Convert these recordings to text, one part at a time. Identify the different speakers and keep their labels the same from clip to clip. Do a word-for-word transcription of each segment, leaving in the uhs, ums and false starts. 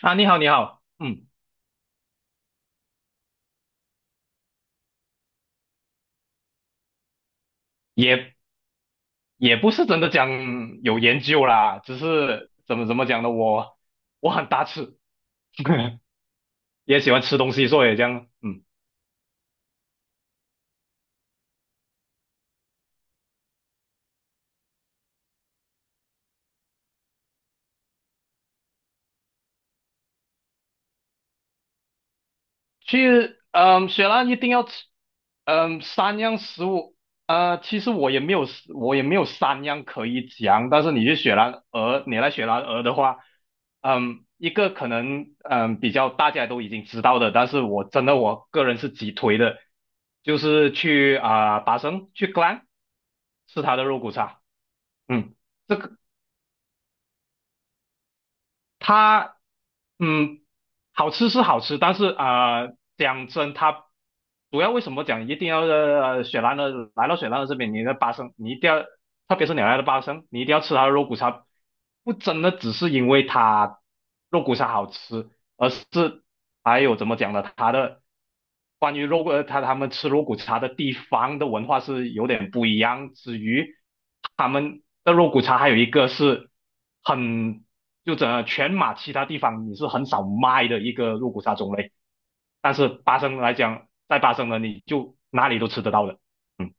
Speaker 1: 啊，你好，你好，嗯，也也不是真的讲有研究啦，只是怎么怎么讲呢，我我很大吃，也喜欢吃东西，所以这样，嗯。去，嗯，雪兰一定要吃，嗯，三样食物，呃，其实我也没有，我也没有三样可以讲，但是你去雪兰莪，你来雪兰莪的话，嗯，一个可能，嗯，比较大家都已经知道的，但是我真的我个人是极推的，就是去啊、达生去 g l a n 是吃它的肉骨茶。嗯，这个它嗯，好吃是好吃，但是啊、呃讲真，它主要为什么讲一定要呃雪兰的来到雪兰的这边，你的八生，你一定要，特别是你来到八生，你一定要吃它的肉骨茶，不真的只是因为它肉骨茶好吃，而是还有怎么讲呢？它的关于肉呃，他他们吃肉骨茶的地方的文化是有点不一样。至于他们的肉骨茶，还有一个是很就整个全马其他地方你是很少卖的一个肉骨茶种类，但是巴生来讲，在巴生呢，你就哪里都吃得到的。嗯。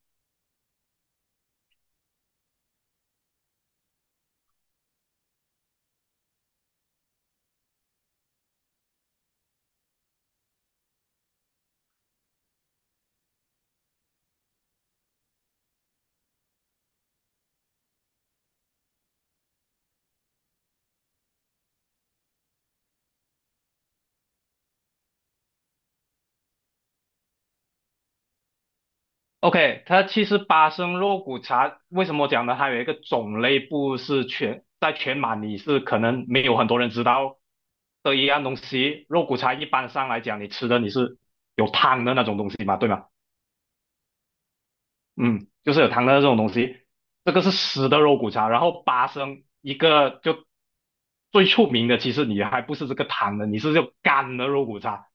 Speaker 1: OK，它其实巴生肉骨茶为什么我讲呢？它有一个种类不是全在全马你是可能没有很多人知道的一样东西。肉骨茶一般上来讲，你吃的你是有汤的那种东西嘛，对吗？嗯，就是有汤的那种东西，这个是湿的肉骨茶。然后巴生一个就最出名的，其实你还不是这个汤的，你是就干的肉骨茶，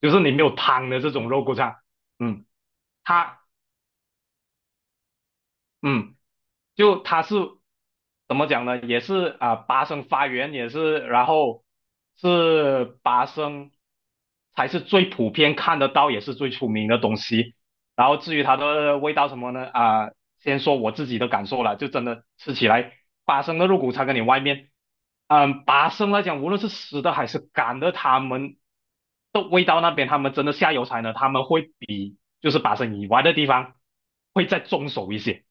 Speaker 1: 就是你没有汤的这种肉骨茶。嗯，它嗯。就它是怎么讲呢？也是啊，八声发源也是，然后是八声才是最普遍看得到，也是最出名的东西。然后至于它的味道什么呢？啊，先说我自己的感受了，就真的吃起来，八生的肉骨茶跟你外面，嗯，八生来讲，无论是湿的还是干的，他们的味道那边，他们真的下油菜呢，他们会比就是八生以外的地方会再重手一些。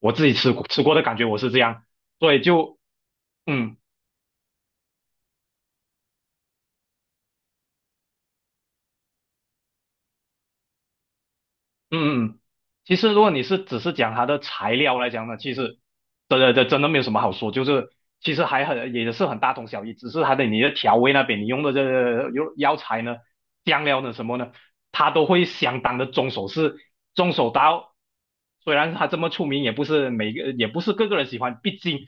Speaker 1: 我自己吃吃过的感觉我是这样，所以就嗯，嗯嗯，其实如果你是只是讲它的材料来讲呢，其实真的真真的没有什么好说，就是其实还很也是很大同小异，只是它的你的调味那边你用的这个用药材呢、酱料呢什么呢，它都会相当的重手是重手到，虽然它这么出名，也不是每个也不是个个人喜欢，毕竟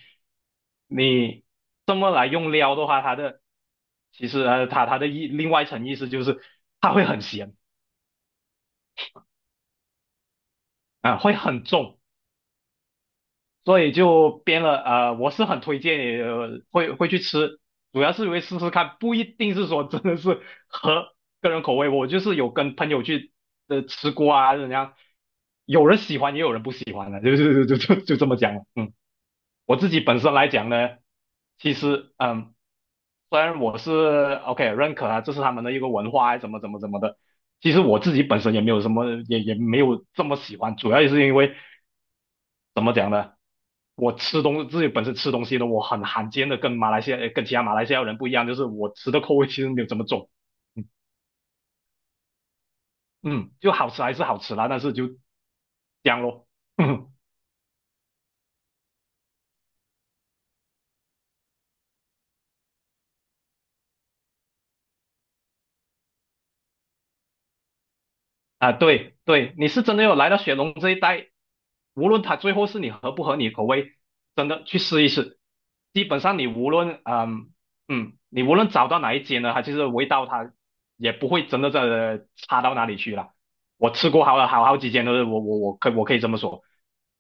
Speaker 1: 你这么来用料的话，它的其实呃它它的意另外一层意思就是它会很咸啊、会很重。所以就编了，呃，我是很推荐你，呃会会去吃，主要是因为试试看，不一定是说真的是合个人口味。我就是有跟朋友去呃吃过啊，怎样，有人喜欢也有人不喜欢的，就就就就就这么讲了。嗯，我自己本身来讲呢，其实嗯，虽然我是 OK 认可啊，这是他们的一个文化啊，怎么怎么怎么的，其实我自己本身也没有什么，也也没有这么喜欢，主要也是因为。我吃东自己本身吃东西的，我很罕见的跟马来西亚呃跟其他马来西亚人不一样，就是我吃的口味其实没有这么重，嗯嗯，就好吃还是好吃啦，但是就这样咯。啊，对对，你是真的有来到雪隆这一带，无论它最后是你合不合你口味，真的去试一试。基本上你无论嗯嗯，你无论找到哪一间呢，它其实味道它也不会真的在差到哪里去了，我吃过好了好好几间都是我我我可我可以这么说。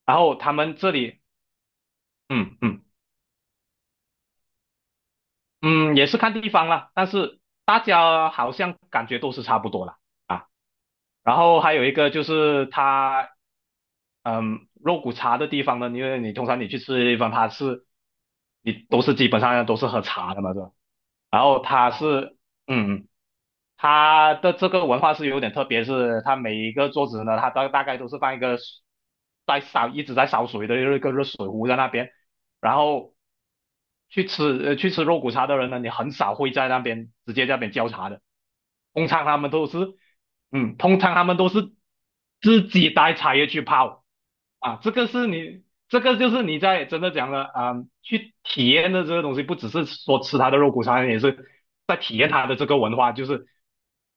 Speaker 1: 然后他们这里，嗯嗯嗯，也是看地方啦，但是大家好像感觉都是差不多啦啊。然后还有一个就是它，嗯，肉骨茶的地方呢，因为你通常你去吃的地方，它是你都是基本上都是喝茶的嘛，是吧？然后它是，嗯，它的这个文化是有点特别，是它每一个桌子呢，它大大概都是放一个在烧一直在烧水的一个热水壶在那边，然后去吃呃去吃肉骨茶的人呢，你很少会在那边直接在那边浇茶的，通常他们都是嗯，通常他们都是自己带茶叶去泡。啊，这个是你，这个就是你在真的讲了啊、去体验的这个东西，不只是说吃它的肉骨茶，也是在体验它的这个文化。就是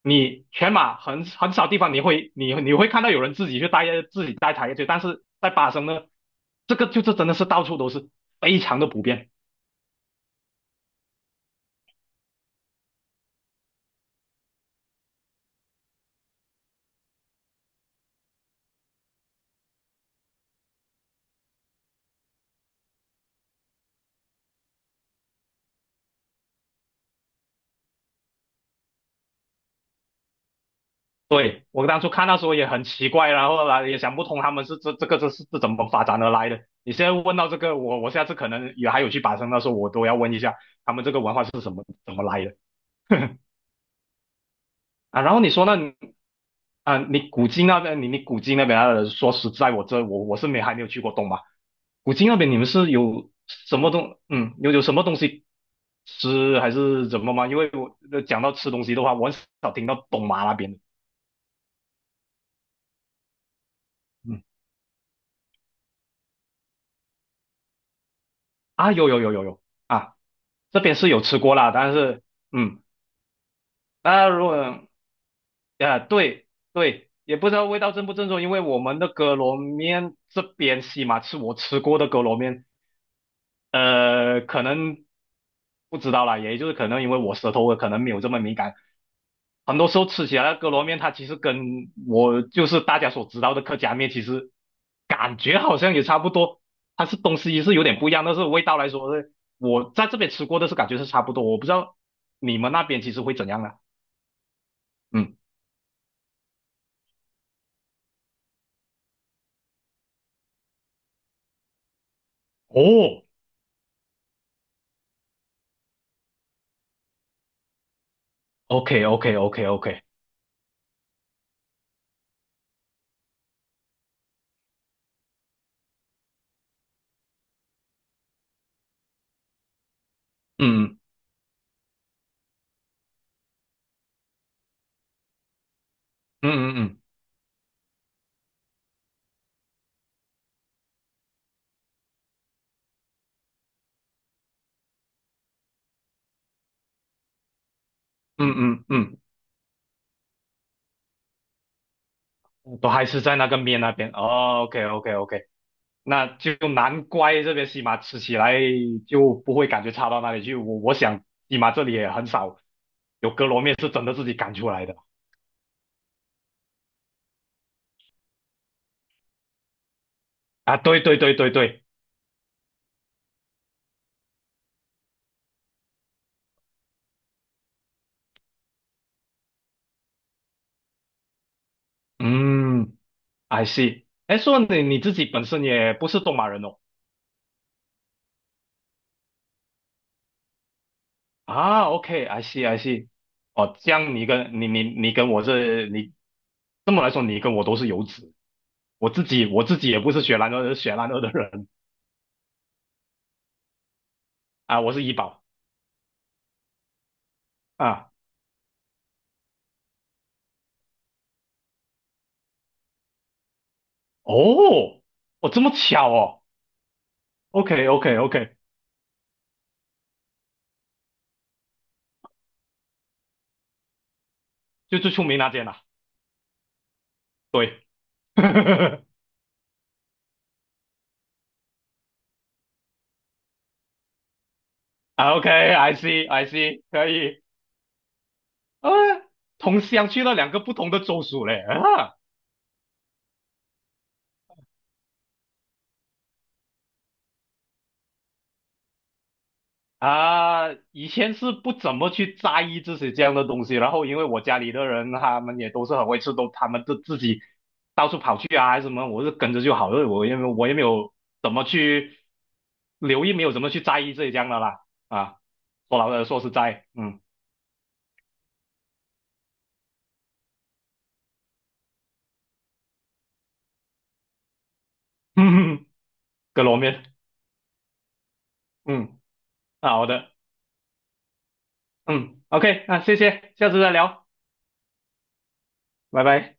Speaker 1: 你全马很很少地方你会你你会看到有人自己去带自己带茶叶去，但是在巴生呢，这个就是真的是到处都是，非常的普遍。对，我当初看到时候也很奇怪，然后来也想不通他们是这这个这是是怎么发展而来的。你现在问到这个，我我下次可能也还有去巴生的时候，我都要问一下他们这个文化是什么怎么来的 啊。然后你说那你啊，你古晋那边，你你古晋那边啊，说实在，我这我我是没还没有去过东马。古晋那边你们是有什么东嗯有有什么东西吃还是怎么吗？因为我呃讲到吃东西的话，我很少听到东马那边的。嗯啊有有有有有啊。这边是有吃过啦，但是嗯，那如果呃对对，也不知道味道正不正宗，因为我们的哥罗面这边西马是我吃过的哥罗面，呃，可能不知道啦，也就是可能因为我舌头可能没有这么敏感，很多时候吃起来的哥罗面，它其实跟我就是大家所知道的客家面，其实感觉好像也差不多，它是东西是有点不一样，但是味道来说，我在这边吃过的是感觉是差不多，我不知道你们那边其实会怎样啦。嗯，哦，OK OK OK OK，嗯嗯嗯嗯嗯嗯嗯嗯，都还是在那个面那边。哦，OK OK OK。那就难怪这边西马吃起来就不会感觉差到哪里去。我我想西马这里也很少有哥罗面是真的自己擀出来的啊。对对对对对，嗯，I see。哎，说你你自己本身也不是东马人哦。啊，OK，I see，I see。哦，这样你跟你你你跟我这你这么来说，你跟我都是游子。我自己我自己也不是雪兰莪雪兰莪的人啊，我是怡保啊。哦，哦，这么巧哦。OK OK OK，就最出名那间啦、对，啊 OK，I see I see，可以。啊，同乡去了两个不同的州属嘞。啊啊，以前是不怎么去在意这些这样的东西，然后因为我家里的人他们也都是很会吃，都他们都自己到处跑去啊还是什么，我是跟着就好了，我也没有我也没有怎么去留意，没有怎么去在意这些这样的啦。啊，说老实说实在，嗯，嗯，嗯，哥罗面，嗯，啊好的。嗯，OK，那谢谢，下次再聊，拜拜。